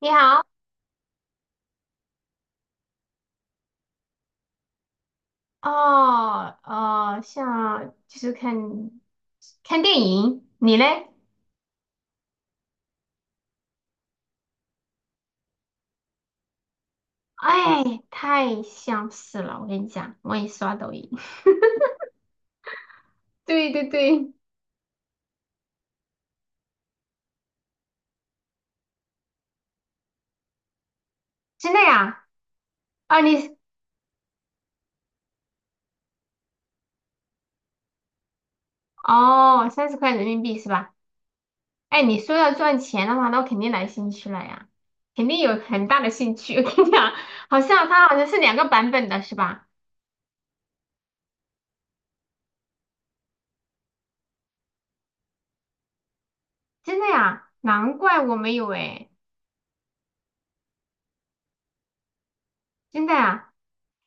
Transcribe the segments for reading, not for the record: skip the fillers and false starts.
你好。哦，哦，像就是看看电影，你嘞？哎，太相似了，我跟你讲，我也刷抖音。对对对。真的呀？啊，你哦，三十块人民币是吧？哎，你说要赚钱的话，那我肯定来兴趣了呀，肯定有很大的兴趣。我跟你讲，好像它好像是两个版本的是吧？真的呀？难怪我没有哎。真的呀？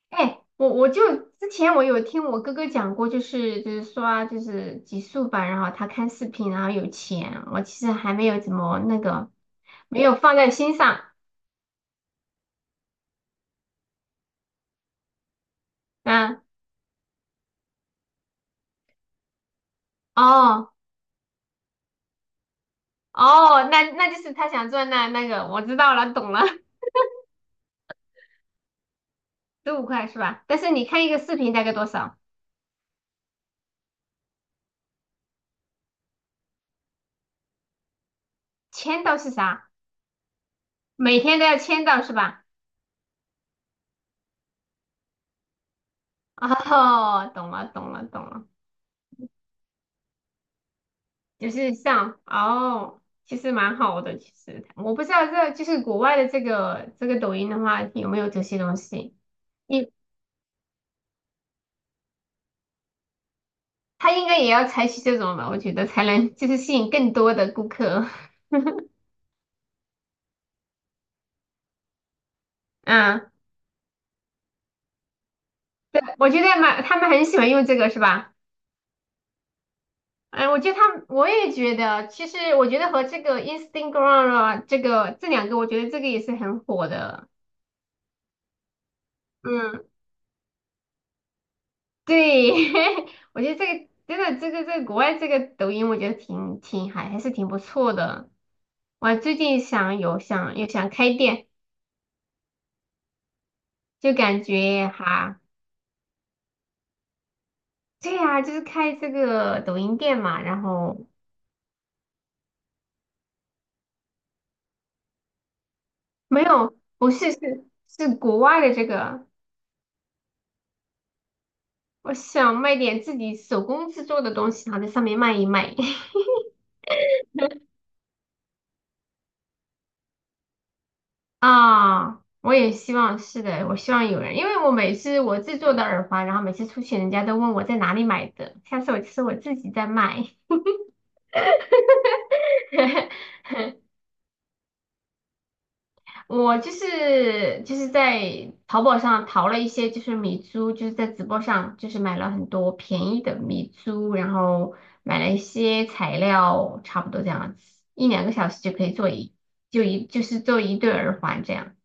哎，我就之前我有听我哥哥讲过，就是刷就是极速吧，然后他看视频，然后有钱，我其实还没有怎么那个，没有放在心上。嗯。哦哦，那那就是他想赚那那个，我知道了，懂了。十五块是吧？但是你看一个视频大概多少？签到是啥？每天都要签到是吧？哦，懂了懂了懂了。就是像哦，其实蛮好的。其实我不知道这就是国外的这个抖音的话有没有这些东西。你他应该也要采取这种吧，我觉得才能就是吸引更多的顾客。嗯，对，我觉得蛮他们很喜欢用这个是吧？哎，我觉得他们我也觉得，其实我觉得和这个 Instagram 啊，这个这两个，我觉得这个也是很火的。嗯。对。我觉得这个真的，这个在国外这个抖音，我觉得挺挺还还是挺不错的。我最近想有想有想开店，就感觉哈，对呀、就是开这个抖音店嘛。然后没有，不是是是国外的这个。我想卖点自己手工制作的东西，然后在上面卖一卖。啊，我也希望是的，我希望有人，因为我每次我制作的耳环，然后每次出去人家都问我在哪里买的，下次我就是我自己在卖。我就是在淘宝上淘了一些就是米珠，就是在直播上就是买了很多便宜的米珠，然后买了一些材料，差不多这样子，一两个小时就可以做一就一就是做一对耳环这样。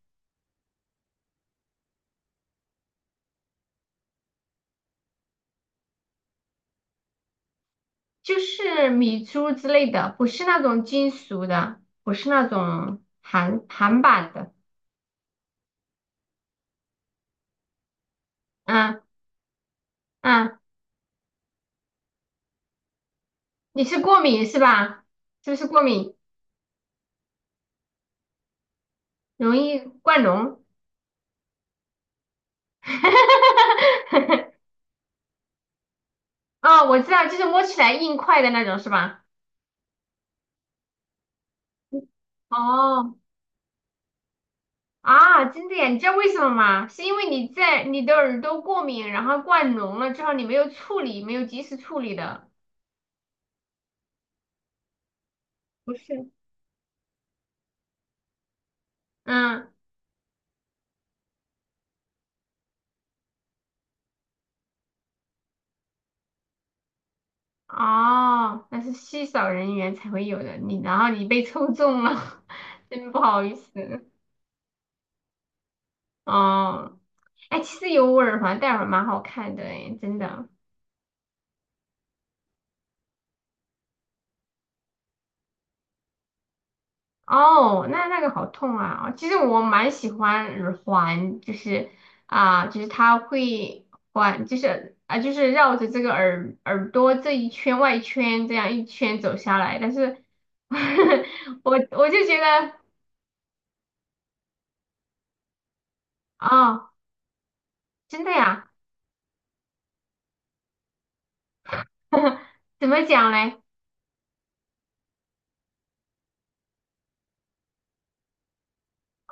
就是米珠之类的，不是那种金属的，不是那种韩韩版的。嗯嗯，你是过敏是吧？是不是过敏？容易灌脓？哦，我知道，就是摸起来硬块的那种是吧？哦啊，真的呀？你知道为什么吗？是因为你在你的耳朵过敏，然后灌脓了之后，你没有处理，没有及时处理的。不是。嗯。哦，那是稀少人员才会有的，你然后你被抽中了，真不好意思。哦，哎，其实有耳环戴耳蛮好看的，哎，真的。哦，那那个好痛啊！其实我蛮喜欢耳环，就是啊、就是它会环，就是啊、就是绕着这个耳耳朵这一圈外圈这样一圈走下来，但是 我就觉得哦。真的呀？怎么讲嘞？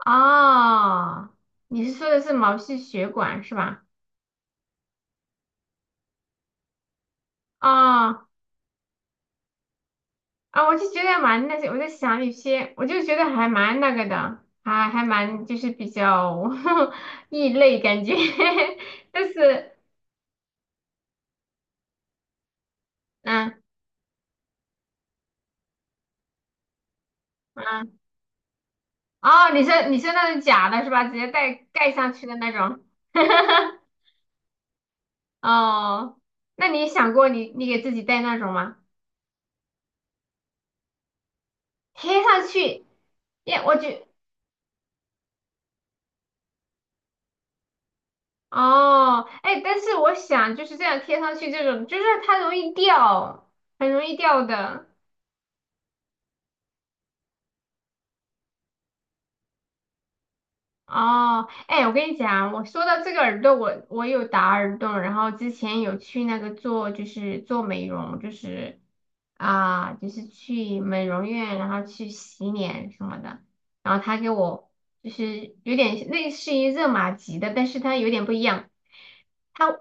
哦，你说的是毛细血管是吧？哦。啊，我就觉得蛮那些，我在想有些，我就觉得还蛮那个的，还还蛮就是比较 异类感觉。但是，嗯嗯，哦，你说那种假的是吧？直接盖盖上去的那种。哦，那你想过你你给自己戴那种吗？贴上去，耶，我觉哦。哎，但是我想就是这样贴上去，这种就是它容易掉，很容易掉的。哦，哎，我跟你讲，我说到这个耳朵，我有打耳洞，然后之前有去那个做，就是做美容，就是啊，就是去美容院，然后去洗脸什么的，然后他给我就是有点类似于热玛吉的，但是它有点不一样。它。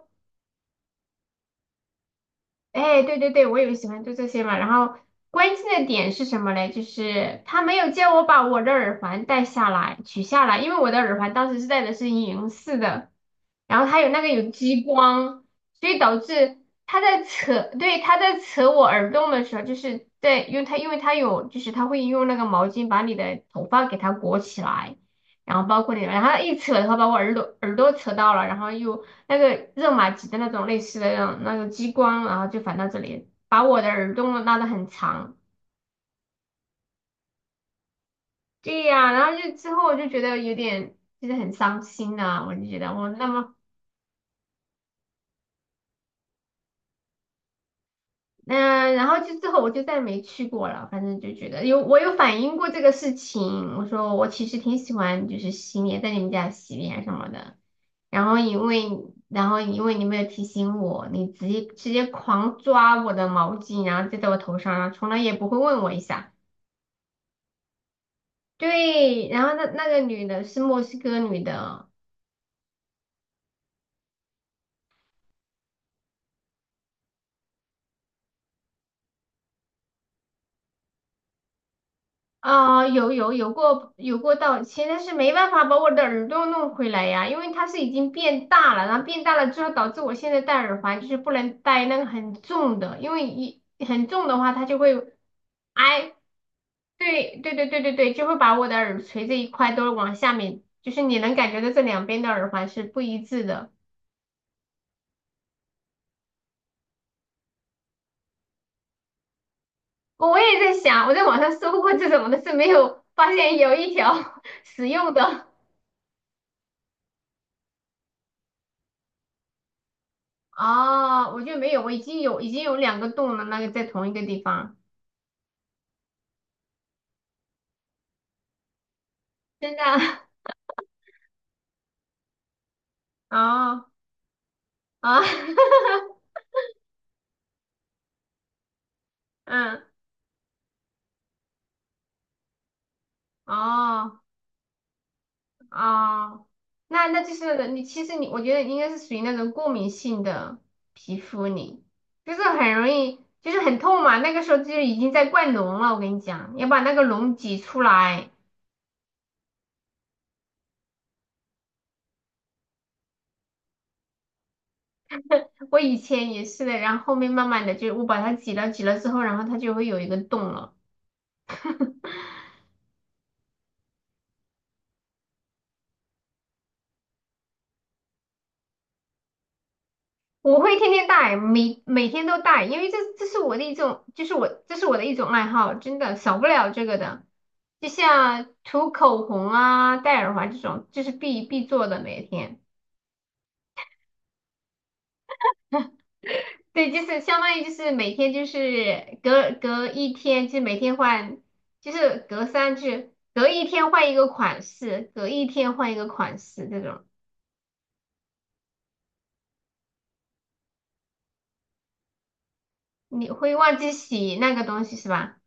哎，对对对，我也喜欢就这些嘛。然后关键的点是什么嘞？就是他没有叫我把我的耳环戴下来、取下来，因为我的耳环当时是戴的是银色的，然后他有那个有激光，所以导致他在扯，对，他在扯我耳洞的时候，就是在用他，因为他有，就是他会用那个毛巾把你的头发给它裹起来，然后包括你的然后一扯的话把我耳朵扯到了，然后又。那个热玛吉的那种类似的那种那个激光，然后就反到这里，把我的耳洞拉得很长。对呀、然后就之后我就觉得有点就是很伤心啊，我就觉得我那么然后就之后我就再没去过了，反正就觉得有我有反映过这个事情，我说我其实挺喜欢就是洗脸，在你们家洗脸什么的。然后因为然后因为你没有提醒我，你直接狂抓我的毛巾，然后就在我头上，从来也不会问我一下。对，然后那那个女的是墨西哥女的。啊、有过道歉，但是没办法把我的耳朵弄回来呀，因为它是已经变大了，然后变大了之后导致我现在戴耳环就是不能戴那个很重的，因为一很重的话它就会。哎，对对对对对对，就会把我的耳垂这一块都往下面，就是你能感觉到这两边的耳环是不一致的。我也在想，我在网上搜过这种，的，是没有发现有一条 使用的。啊，我就没有，我已经有两个洞了，那个在同一个地方。真的哦啊。嗯哦哦，那那就是你其实你我觉得应该是属于那种过敏性的皮肤你，就是很容易就是很痛嘛，那个时候就已经在灌脓了，我跟你讲，要把那个脓挤出来。我以前也是的，然后后面慢慢的就我把它挤了之后，然后它就会有一个洞了。我会天天戴，每每天都戴，因为这是我的一种，就是我这是我的一种爱好，真的少不了这个的。就像涂口红啊、戴耳环这种，就是必必做的每天。对，就是相当于就是每天就是隔隔一天，就是每天换，就是隔三就是隔一天换一个款式，隔一天换一个款式这种。你会忘记洗那个东西是吧？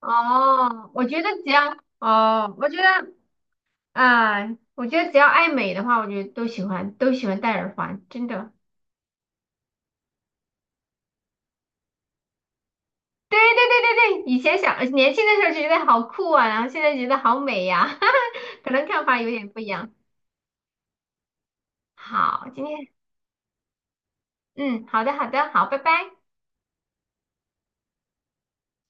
哦，我觉得只要哦，我觉得啊、我觉得只要爱美的话，我觉得都喜欢戴耳环，真的。对对对对对，以前小年轻的时候就觉得好酷啊，然后现在觉得好美呀、可能看法有点不一样。好，今天嗯，好的好的，好，拜拜。